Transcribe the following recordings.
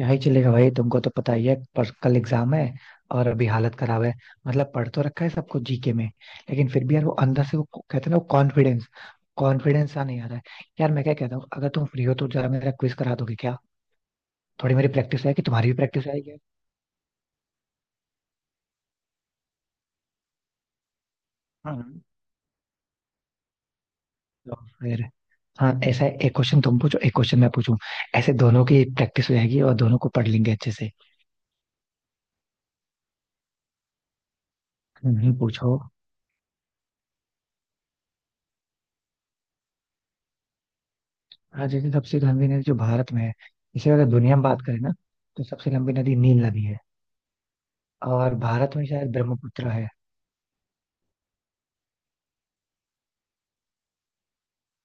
यही चलेगा भाई तुमको तो पता ही है पर कल एग्जाम है। और अभी हालत खराब है। मतलब पढ़ तो रखा है सब कुछ जीके में। लेकिन फिर भी यार वो अंदर से वो कहते हैं ना, वो कॉन्फिडेंस कॉन्फिडेंस सा नहीं आ रहा है। यार मैं क्या कहता हूँ, अगर तुम फ्री हो तो जरा मेरा क्विज करा दोगे क्या? थोड़ी मेरी प्रैक्टिस है कि तुम्हारी भी प्रैक्टिस आएगी। हाँ हाँ। तो फिर हाँ ऐसा है, एक क्वेश्चन तुम पूछो, एक क्वेश्चन मैं पूछूं। ऐसे दोनों की प्रैक्टिस हो जाएगी और दोनों को पढ़ लेंगे अच्छे से। नहीं, पूछो। हाँ जैसे, सबसे लंबी नदी जो भारत में है, इसे अगर दुनिया में बात करें ना, तो सबसे लंबी नदी नील नदी है। और भारत में शायद ब्रह्मपुत्र है।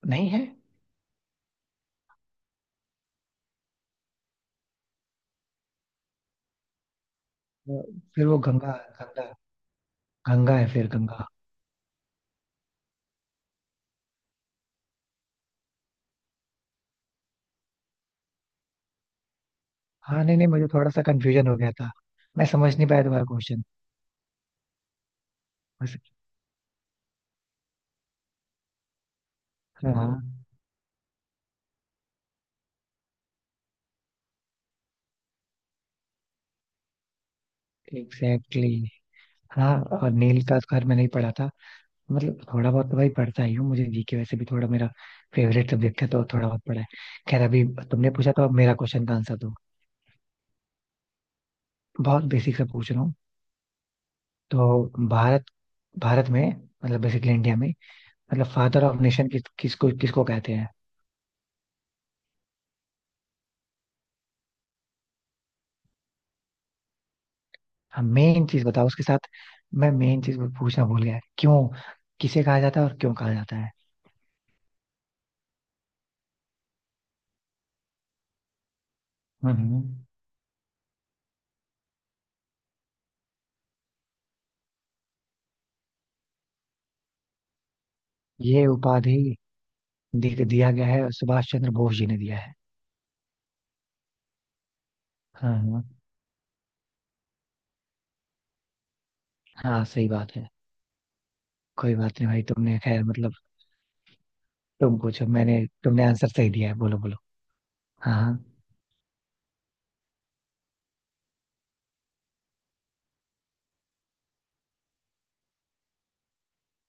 नहीं है। वो- फिर वो गंगा, गंगा। गंगा है, फिर गंगा। हाँ, नहीं नहीं मुझे थोड़ा सा कंफ्यूजन हो गया था। मैं समझ नहीं पाया तुम्हारा क्वेश्चन। बस। हाँ। एग्जैक्टली। हाँ। और नील का स्क्वायर मैंने ही पढ़ा था। मतलब थोड़ा बहुत तो भाई पढ़ता ही हूँ, मुझे जीके वैसे भी थोड़ा मेरा फेवरेट सब्जेक्ट है, तो थोड़ा बहुत पढ़ा है। खैर, अभी तुमने पूछा, तो अब मेरा क्वेश्चन का आंसर दो। बहुत बेसिक से पूछ रहा हूँ। तो भारत, भारत में, मतलब बेसिकली इंडिया में, मतलब फादर ऑफ नेशन किसको कहते हैं? हाँ मेन चीज बताओ उसके साथ। मैं मेन चीज पूछना भूल गया, क्यों किसे कहा जाता है और क्यों कहा जाता है। हम्म। ये उपाधि दिया गया है, सुभाष चंद्र बोस जी ने दिया है। हाँ हाँ। हाँ सही बात है। कोई बात नहीं भाई, तुमने खैर मतलब। तुम पूछो, मैंने तुमने आंसर सही दिया है, बोलो बोलो। हाँ हाँ।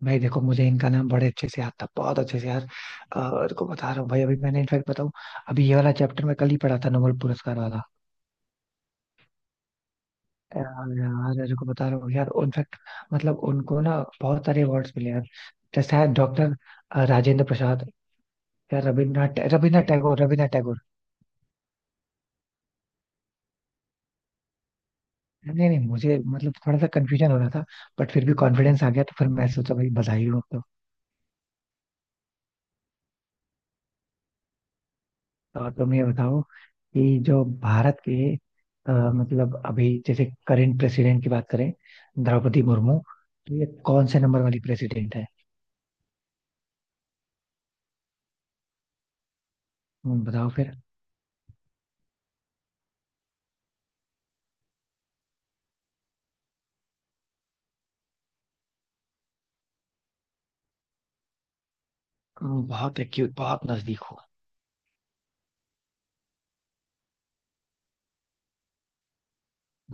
भाई देखो, मुझे इनका नाम बड़े अच्छे से याद था, बहुत अच्छे से यार। रुको बता रहा हूँ भाई, अभी मैंने इनफैक्ट बताऊँ। अभी ये वाला चैप्टर मैं कल ही पढ़ा था, नोबेल पुरस्कार वाला। यार यार, यार, को बता रहा हूँ यार, इनफैक्ट मतलब उनको ना बहुत सारे अवार्ड्स मिले यार। जैसे है डॉक्टर राजेंद्र प्रसाद। यार रविन्द्रनाथ टैगोर, रविन्द्रनाथ टैगोर। नहीं नहीं मुझे मतलब थोड़ा सा कंफ्यूजन हो रहा था। बट फिर भी कॉन्फिडेंस आ गया, तो फिर मैं सोचा भाई बधाई हो तो। और तुम ये बताओ कि जो भारत के मतलब अभी जैसे करंट प्रेसिडेंट की बात करें, द्रौपदी मुर्मू, तो ये कौन से नंबर वाली प्रेसिडेंट है? बताओ फिर। बहुत एक्यूट, बहुत नजदीक हो।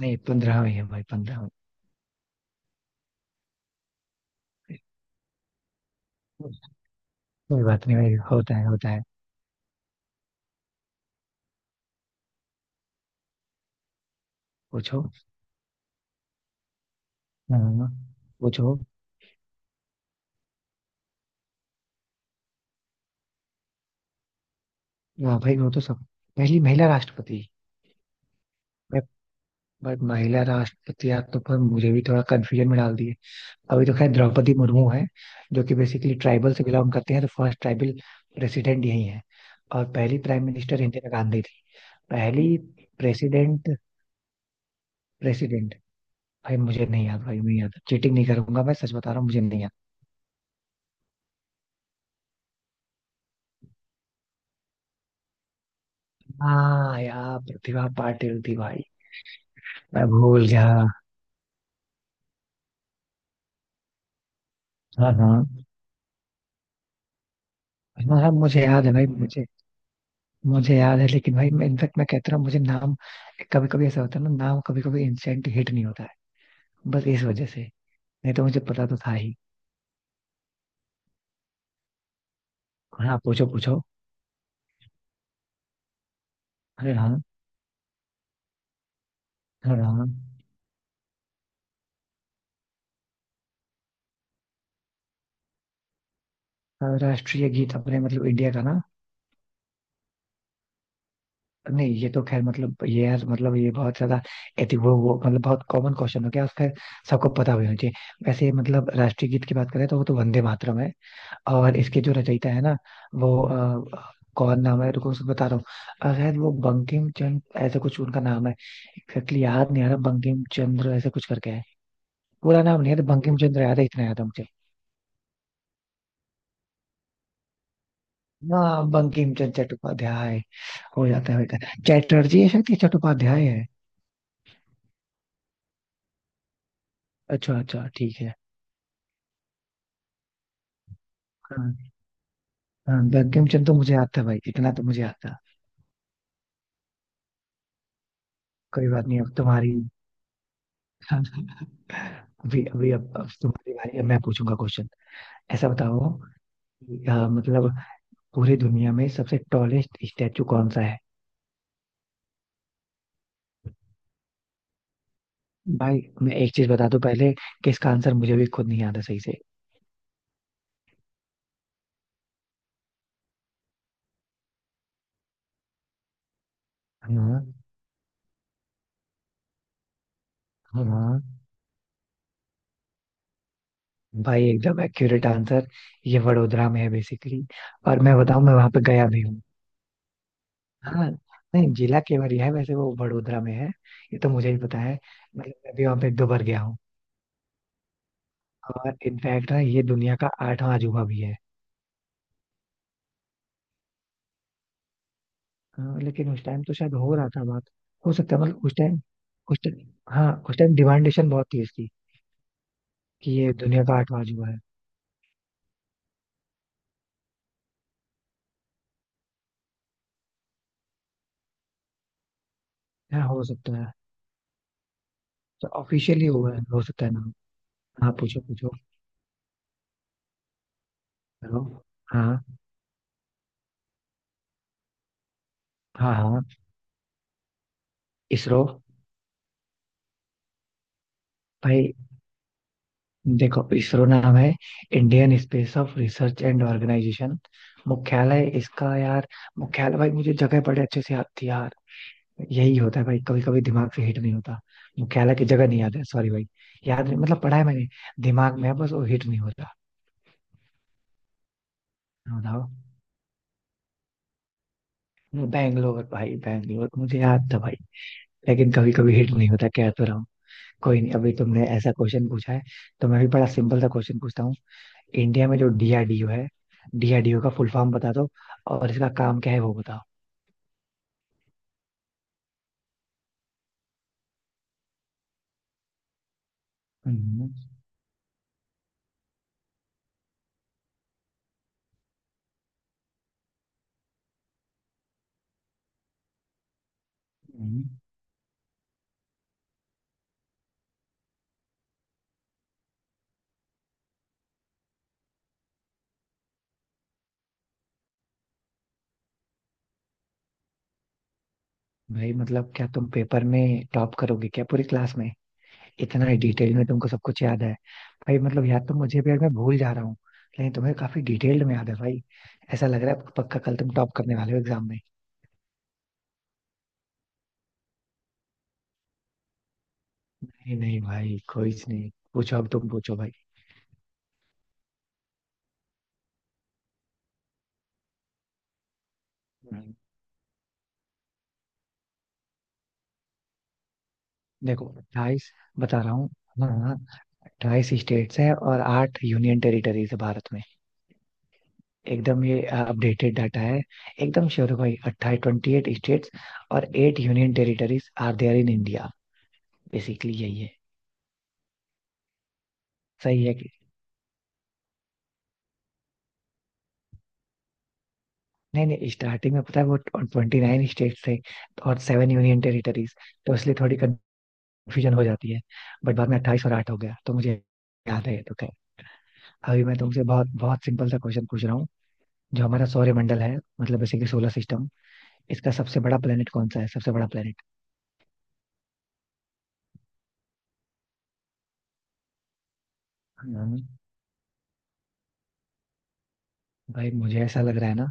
नहीं, पंद्रहवें है भाई, 15। कोई बात नहीं भाई, होता है होता है। पूछो। हाँ, पूछो। हाँ भाई वो तो सब, पहली महिला राष्ट्रपति। बट बट महिला राष्ट्रपति आप तो, पर मुझे भी थोड़ा कंफ्यूजन में डाल दिए। अभी तो खैर द्रौपदी मुर्मू है, जो कि बेसिकली ट्राइबल से बिलोंग करते हैं, तो फर्स्ट ट्राइबल प्रेसिडेंट यही है। और पहली प्राइम मिनिस्टर इंदिरा गांधी थी। पहली प्रेसिडेंट। प्रेसिडेंट। भाई मुझे नहीं याद भाई, नहीं याद, चीटिंग नहीं करूंगा, मैं सच बता रहा हूँ, मुझे नहीं याद। हाँ यार, प्रतिभा पाटिल थी भाई। मैं भूल गया। हाँ हाँ हाँ। हाँ मुझे याद है भाई, मुझे। मुझे याद है लेकिन भाई, मैं इनफेक्ट मैं कहता हूँ, मुझे नाम कभी कभी ऐसा होता है ना, नाम कभी कभी इंस्टेंट हिट नहीं होता है। बस इस वजह से। नहीं तो मुझे पता तो था ही। हाँ पूछो पूछो। अरे हाँ। अरे हाँ। हाँ, राष्ट्रीय गीत अपने मतलब इंडिया का ना। नहीं, ये तो खैर मतलब, ये यार मतलब, ये बहुत ज्यादा एति वो मतलब बहुत कॉमन क्वेश्चन हो गया, और खैर सबको पता भी होना चाहिए वैसे। मतलब राष्ट्रीय गीत की बात करें तो वो तो वंदे मातरम है। और इसके जो रचयिता है ना, वो कौन नाम है, रुको उसको बता रहा हूँ। शायद वो बंकिम चंद्र, ऐसा कुछ उनका नाम है। एग्जैक्टली याद नहीं आ रहा, बंकिम चंद्र ऐसा कुछ करके है। पूरा नाम नहीं है, तो बंकिम चंद्र याद है, इतना याद है मुझे। हाँ, बंकिम चंद्र चट्टोपाध्याय, हो जाता है बेटा। चैटर्जी है शायद, ये चट्टोपाध्याय है। अच्छा अच्छा, ठीक है। हाँ हाँ, बंकिम चंद्र तो मुझे याद था भाई, इतना तो मुझे याद था। कोई बात नहीं, अब तुम्हारी अभी अभी अब तुम्हारी बारी है, मैं पूछूंगा क्वेश्चन। ऐसा बताओ कि, मतलब पूरी दुनिया में सबसे टॉलेस्ट स्टैचू कौन सा है? भाई मैं एक चीज बता दूं पहले, कि इसका आंसर मुझे भी खुद नहीं आता सही से। हाँ। हाँ। भाई एकदम एक्यूरेट आंसर। ये वडोदरा में है बेसिकली। और मैं बताऊं, मैं वहां पे गया भी हूँ। हाँ। नहीं, जिला केवड़िया है वैसे, वो वडोदरा में है। ये तो मुझे ही पता है। मतलब मैं भी वहां पे एक दो बार गया हूँ। और इनफैक्ट ना, ये दुनिया का आठवां अजूबा भी है। हाँ, लेकिन उस टाइम तो शायद हो रहा था बात। हो सकता है, मतलब उस टाइम, उस टाइम, हाँ उस टाइम डिमांडेशन बहुत थी इसकी, कि ये दुनिया का आठवां अजूबा है। है, हो सकता है। तो ऑफिशियली हुआ है, हो सकता है ना। हाँ पूछो पूछो। करो। हाँ हाँ। हाँ, इसरो। भाई देखो, इसरो नाम है, Indian space of research and organisation. मुख्यालय इसका यार, मुख्यालय भाई, मुझे जगह बड़े अच्छे से याद थी यार। यही होता है भाई, कभी कभी दिमाग से हिट नहीं होता। मुख्यालय की जगह नहीं याद है, सॉरी भाई। याद नहीं, मतलब पढ़ा है मैंने, दिमाग में है, बस वो हिट नहीं होता। बताओ। बैंगलोर भाई, बैंगलोर मुझे याद था भाई। लेकिन कभी कभी हिट नहीं होता, कह तो रहा हूँ। कोई नहीं, अभी तुमने ऐसा क्वेश्चन पूछा है, तो मैं भी बड़ा सिंपल सा क्वेश्चन पूछता हूँ। इंडिया में जो डीआरडीओ है, डीआरडीओ का फुल फॉर्म बता दो, और इसका काम क्या है वो बताओ। हम्म, हम्म। भाई मतलब क्या तुम पेपर में टॉप करोगे क्या पूरी क्लास में? इतना डिटेल में तुमको सब कुछ याद है। भाई मतलब याद तो मुझे भी, यार मैं भूल जा रहा हूँ, लेकिन तुम्हें काफी डिटेल्ड में याद है भाई। ऐसा लग रहा है पक्का, कल तुम टॉप करने वाले हो एग्जाम में। नहीं नहीं भाई, कोई नहीं, पूछो, अब तुम पूछो। भाई देखो, 28, बता रहा हूँ। हाँ। 28 स्टेट्स हैं, और आठ यूनियन टेरिटरीज है भारत में। एकदम ये अपडेटेड डाटा है। एकदम श्योर हो भाई, 28, 28 स्टेट्स, और eight union territories are there in India. Basically यही है। सही है कि नहीं? नहीं, स्टार्टिंग में पता है, वो 29 स्टेट्स थे, और सेवन यूनियन टेरिटरीज, तो इसलिए थोड़ी कंफ्यूजन हो जाती है। बट बाद में 28 और आठ हो गया, तो मुझे याद है ये तो खैर। अभी मैं तुमसे बहुत बहुत सिंपल सा क्वेश्चन पूछ रहा हूँ। जो हमारा सौरमंडल है, मतलब बेसिकली सोलर सिस्टम, इसका सबसे बड़ा प्लेनेट कौन सा है, सबसे बड़ा प्लेनेट? भाई मुझे ऐसा लग रहा है ना,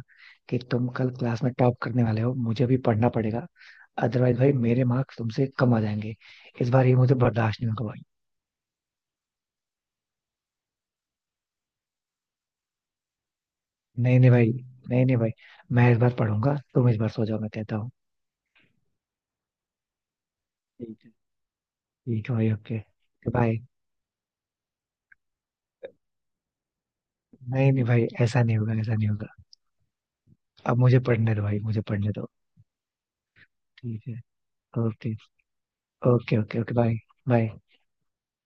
कि तुम कल क्लास में टॉप करने वाले हो, मुझे भी पढ़ना पड़ेगा, अदरवाइज भाई मेरे मार्क्स तुमसे कम आ जाएंगे, इस बार ये मुझे बर्दाश्त नहीं होगा भाई। नहीं नहीं भाई। नहीं नहीं भाई, मैं इस बार पढ़ूंगा, तुम इस बार सो जाओ, मैं कहता हूँ। ठीक है। ठीक है भाई, ओके भाई। नहीं नहीं भाई, ऐसा नहीं होगा, ऐसा नहीं होगा। अब मुझे पढ़ने दो भाई, मुझे पढ़ने दो। ठीक है। Okay. Okay okay okay bye. Bye.